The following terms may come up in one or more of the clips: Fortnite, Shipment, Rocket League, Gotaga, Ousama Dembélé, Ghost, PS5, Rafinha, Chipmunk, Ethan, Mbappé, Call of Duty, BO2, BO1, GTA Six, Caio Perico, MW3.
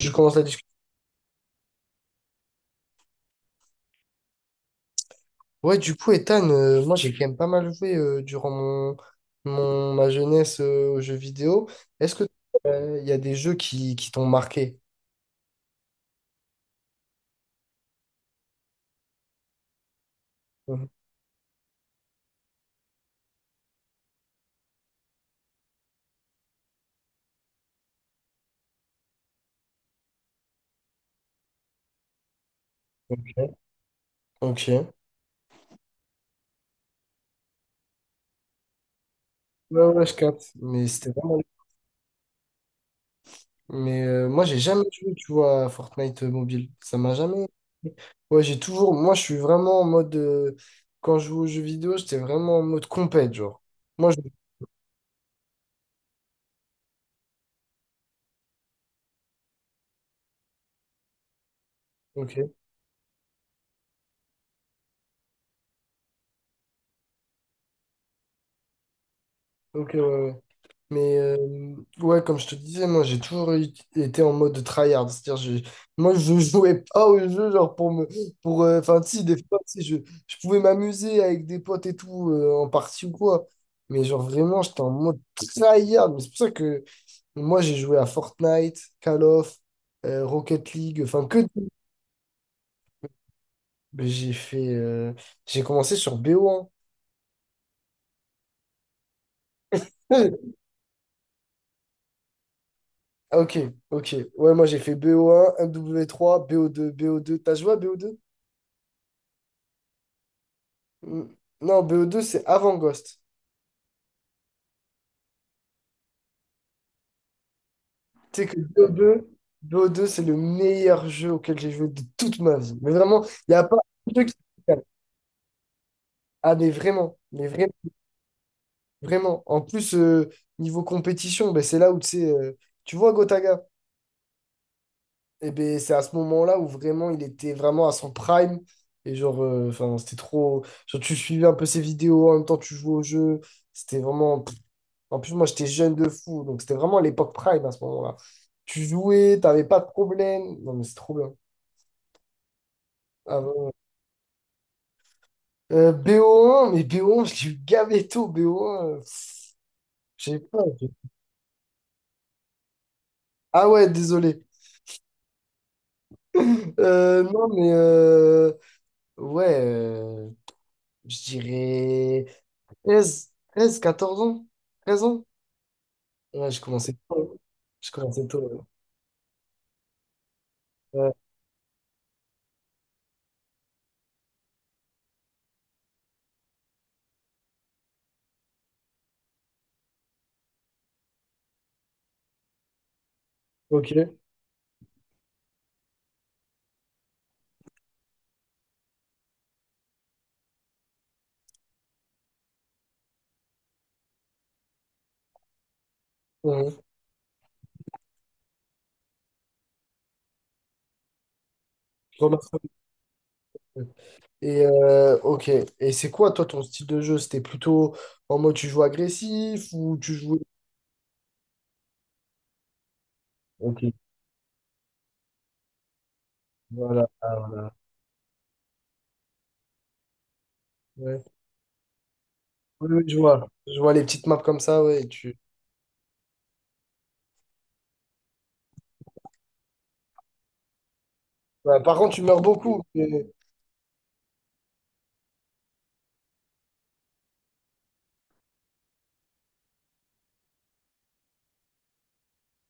Je commence la discussion. Ouais, du coup, Ethan, moi j'ai quand même pas mal joué durant ma jeunesse aux jeux vidéo. Est-ce que il y a des jeux qui t'ont marqué? Mhm. Ok. Ouais, ouais, je capte. Mais c'était vraiment. Mais moi j'ai jamais joué, tu vois, à Fortnite mobile. Ça m'a jamais. Ouais, j'ai toujours. Moi je suis vraiment en mode. Quand je joue aux jeux vidéo, j'étais vraiment en mode compète, genre. Moi je. Ok. Ok, ouais, ouais. Mais ouais, comme je te disais, moi j'ai toujours été en mode tryhard. C'est-à-dire, moi je jouais pas au jeu, genre pour me. Pour, enfin, si, des fois, si, je pouvais m'amuser avec des potes et tout, en partie ou quoi. Mais genre vraiment, j'étais en mode tryhard. Mais c'est pour ça que moi j'ai joué à Fortnite, Call of, Rocket League, enfin que. Mais j'ai fait. J'ai commencé sur BO1. Ouais, ah, ok, ok. Ouais, moi j'ai fait BO1, MW3, BO2, bo deux B O deux. T'as joué à bo deux. Mm. Non, bo deux c'est avant Ghost. Tu sais que BO2, bo deux B O deux, c'est le meilleur jeu auquel j'ai joué de toute ma vie. Mais vraiment, il n'y a pas un jeu qui s'égalent. Ah, mais vraiment, vraiment. En plus, niveau compétition, ben, c'est là où tu sais, tu vois Gotaga. Et ben c'est à ce moment-là où vraiment il était vraiment à son prime. Et genre, enfin, c'était trop. Genre, tu suivais un peu ses vidéos, en même temps tu jouais au jeu. C'était vraiment. En plus, moi j'étais jeune de fou, donc c'était vraiment l'époque prime à ce moment-là. Tu jouais, t'avais pas de problème. Non, mais c'est trop bien. Ah, vraiment. BO1, mais BO1, je l'ai eu gavé tôt, BO1. J'ai pas. Ah ouais, désolé. Non, mais ouais, je dirais. 13-14 ans? 13 ans? Ouais, j'ai commencé tôt. J'ai commencé tôt. Ouais. Ouais, ok. Mhm. Remarquable. Et ok. Et c'est quoi, toi, ton style de jeu? C'était plutôt en mode tu joues agressif ou tu joues. Ok. Voilà. Ah, voilà. Ouais. Oui, oui, je vois. Je vois les petites maps comme ça, ouais. Tu... Ouais, par contre, tu meurs beaucoup.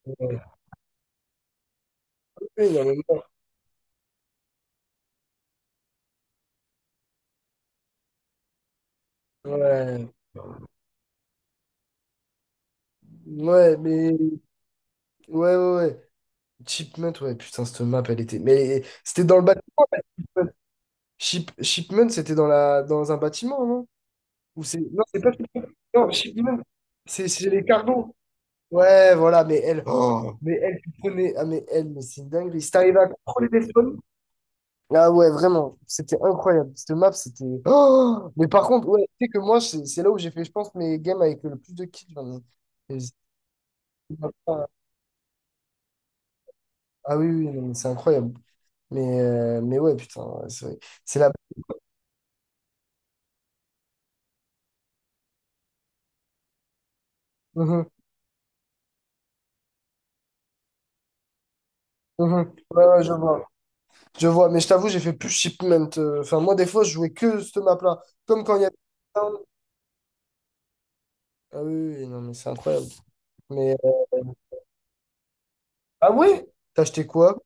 Ouais. Oui, non, mais meurs. Ouais. Ouais, mais. Ouais, ouais, ouais. Chipmunk, ouais, putain, cette map, elle était. Mais c'était dans le bâtiment. Shipment, c'était dans un bâtiment, non? Ou c'est non, c'est pas Shipment. Non, Shipment, c'est les cargos. Ouais, voilà, mais elle, oh, mais elle, tu prenais, ah mais elle, mais c'est une dinguerie. Si t'arrivais à contrôler les zones, ah ouais, vraiment, c'était incroyable. Cette map, c'était. Oh mais par contre, ouais, tu sais que moi, c'est là où j'ai fait, je pense, mes games avec le plus de kills. Vraiment. Et c'est- Ah oui, oui, non, mais c'est incroyable. Mais ouais, putain, ouais, c'est vrai. C'est la. Mhm, mhm. Ouais, ouais, je vois. Je vois, mais je t'avoue, j'ai fait plus shipment. Enfin, moi, des fois, je jouais que ce map-là. Comme quand il y avait. Ah oui, oui, non, mais c'est incroyable. Mais. Ah ouais? T'as acheté quoi?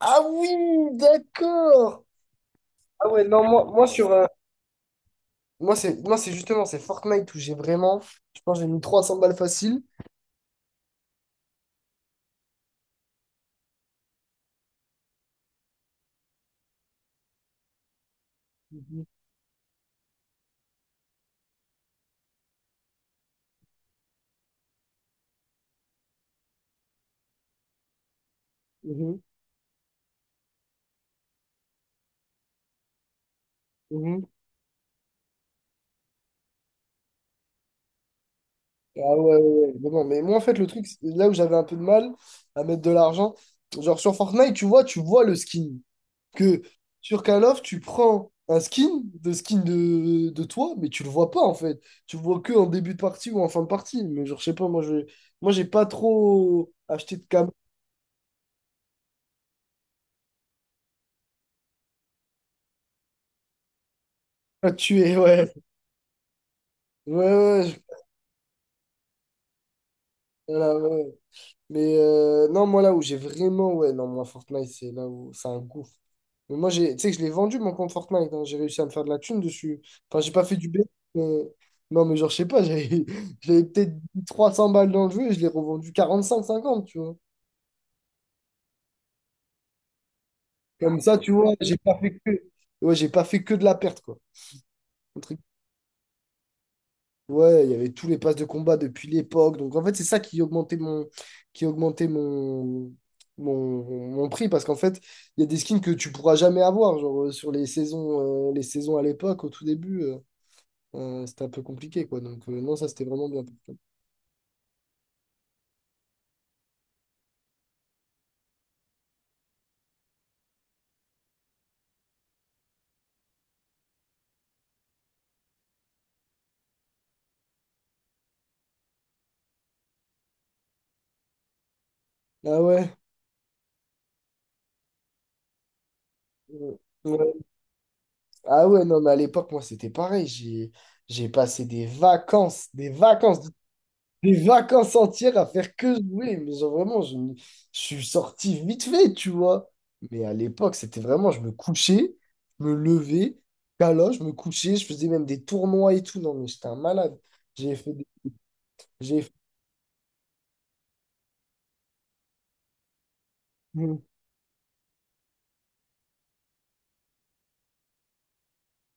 Ah oui, d'accord! Ah ouais, non, moi, moi sur. Moi, c'est justement, c'est Fortnite où j'ai vraiment. Je pense que j'ai mis 300 balles faciles. Mhm, mhm, mhm. Ah ouais, ouais, ouais. Mais bon, mais moi, en fait, le truc, là où j'avais un peu de mal à mettre de l'argent, genre sur Fortnite, tu vois le skin. Que sur Call of, tu prends un skin de toi, mais tu le vois pas en fait. Tu le vois que en début de partie ou en fin de partie. Mais genre, je sais pas, moi, je, moi, j'ai pas trop acheté de cam à tuer, ouais. Ouais, ouais, ouais, voilà, ouais. Ouais. Mais non, moi, là où j'ai vraiment, ouais, non, moi, Fortnite, c'est là où c'est un gouffre. Mais moi, tu sais que je l'ai vendu, mon compte Fortnite. Hein. J'ai réussi à me faire de la thune dessus. Enfin, j'ai pas fait du B. mais- Non, mais genre, je sais pas, j'avais j'avais peut-être mis 300 balles dans le jeu et je l'ai revendu 45-50 tu vois. Comme ça, tu vois, j'ai pas fait que, ouais, j'ai pas fait que de la perte, quoi. Un truc- Ouais, il y avait tous les passes de combat depuis l'époque. Donc, en fait, c'est ça qui augmentait qui augmentait mon, mon, mon prix. Parce qu'en fait, il y a des skins que tu pourras jamais avoir. Genre, sur les saisons à l'époque, au tout début, c'était un peu compliqué, quoi. Donc, non, ça, c'était vraiment bien. Ah ouais. euh, ouais. Ah ouais, non, mais à l'époque, moi, c'était pareil. J'ai passé des vacances, des vacances entières à faire que jouer. Mais genre, vraiment, je suis sorti vite fait, tu vois. Mais à l'époque, c'était vraiment, je me couchais, je me levais, là, je me couchais, je faisais même des tournois et tout. Non, mais j'étais un malade. J'ai fait des... J'ai fait... Mm.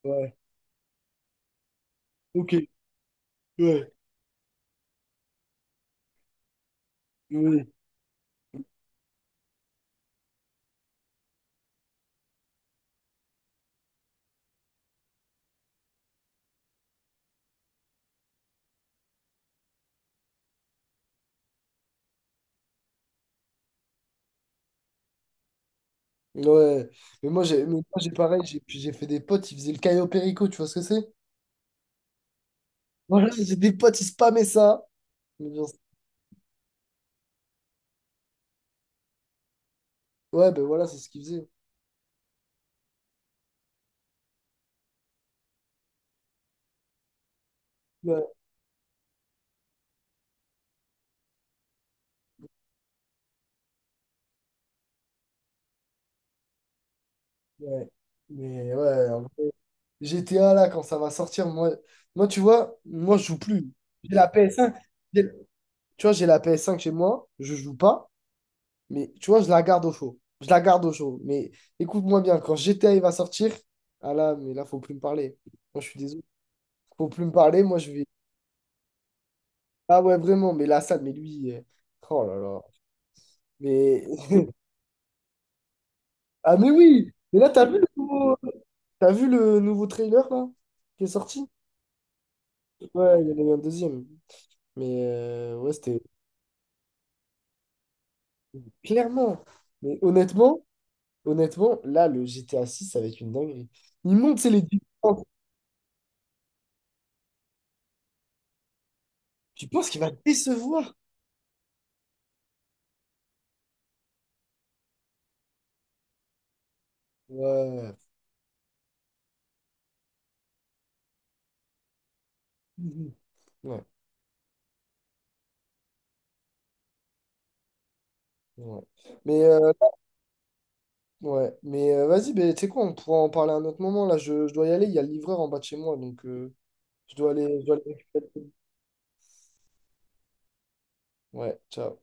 Ouais. Ok. Ouais. Oui. Ouais. Mais moi, j'ai pareil, j'ai fait des potes, ils faisaient le Caio Perico, tu vois ce que c'est? Voilà, j'ai des potes, ils spammaient ça. Mais genre, ouais, ben voilà, c'est ce qu'ils faisaient. Ouais, ouais. Mais ouais. GTA, là, quand ça va sortir, moi, tu vois, moi, je joue plus. J'ai la PS5. J'ai- Tu vois, j'ai la PS5 chez moi, je joue pas, mais tu vois, je la garde au chaud. Je la garde au chaud. Mais écoute-moi bien, quand GTA il va sortir, ah là, mais là, faut plus me parler. Moi, je suis désolé. Faut plus me parler, moi, je vais. Ah ouais, vraiment, mais là, ça, mais lui. Oh là là. Mais. Ah, mais oui! Mais là, t'as vu le nouveau trailer, là, qui est sorti? Ouais, il y en a eu un deuxième. Mais ouais, c'était. Clairement. Mais honnêtement, honnêtement, là, le GTA 6 ça va être une dinguerie. Il monte, c'est les différences. Tu penses qu'il va décevoir? Ouais. Mhm. Ouais. Ouais. Mais, ouais. Mais vas-y, ben, tu sais quoi, on pourra en parler à un autre moment. Là, je dois y aller. Il y a le livreur en bas de chez moi, donc je dois aller. Ouais, ciao.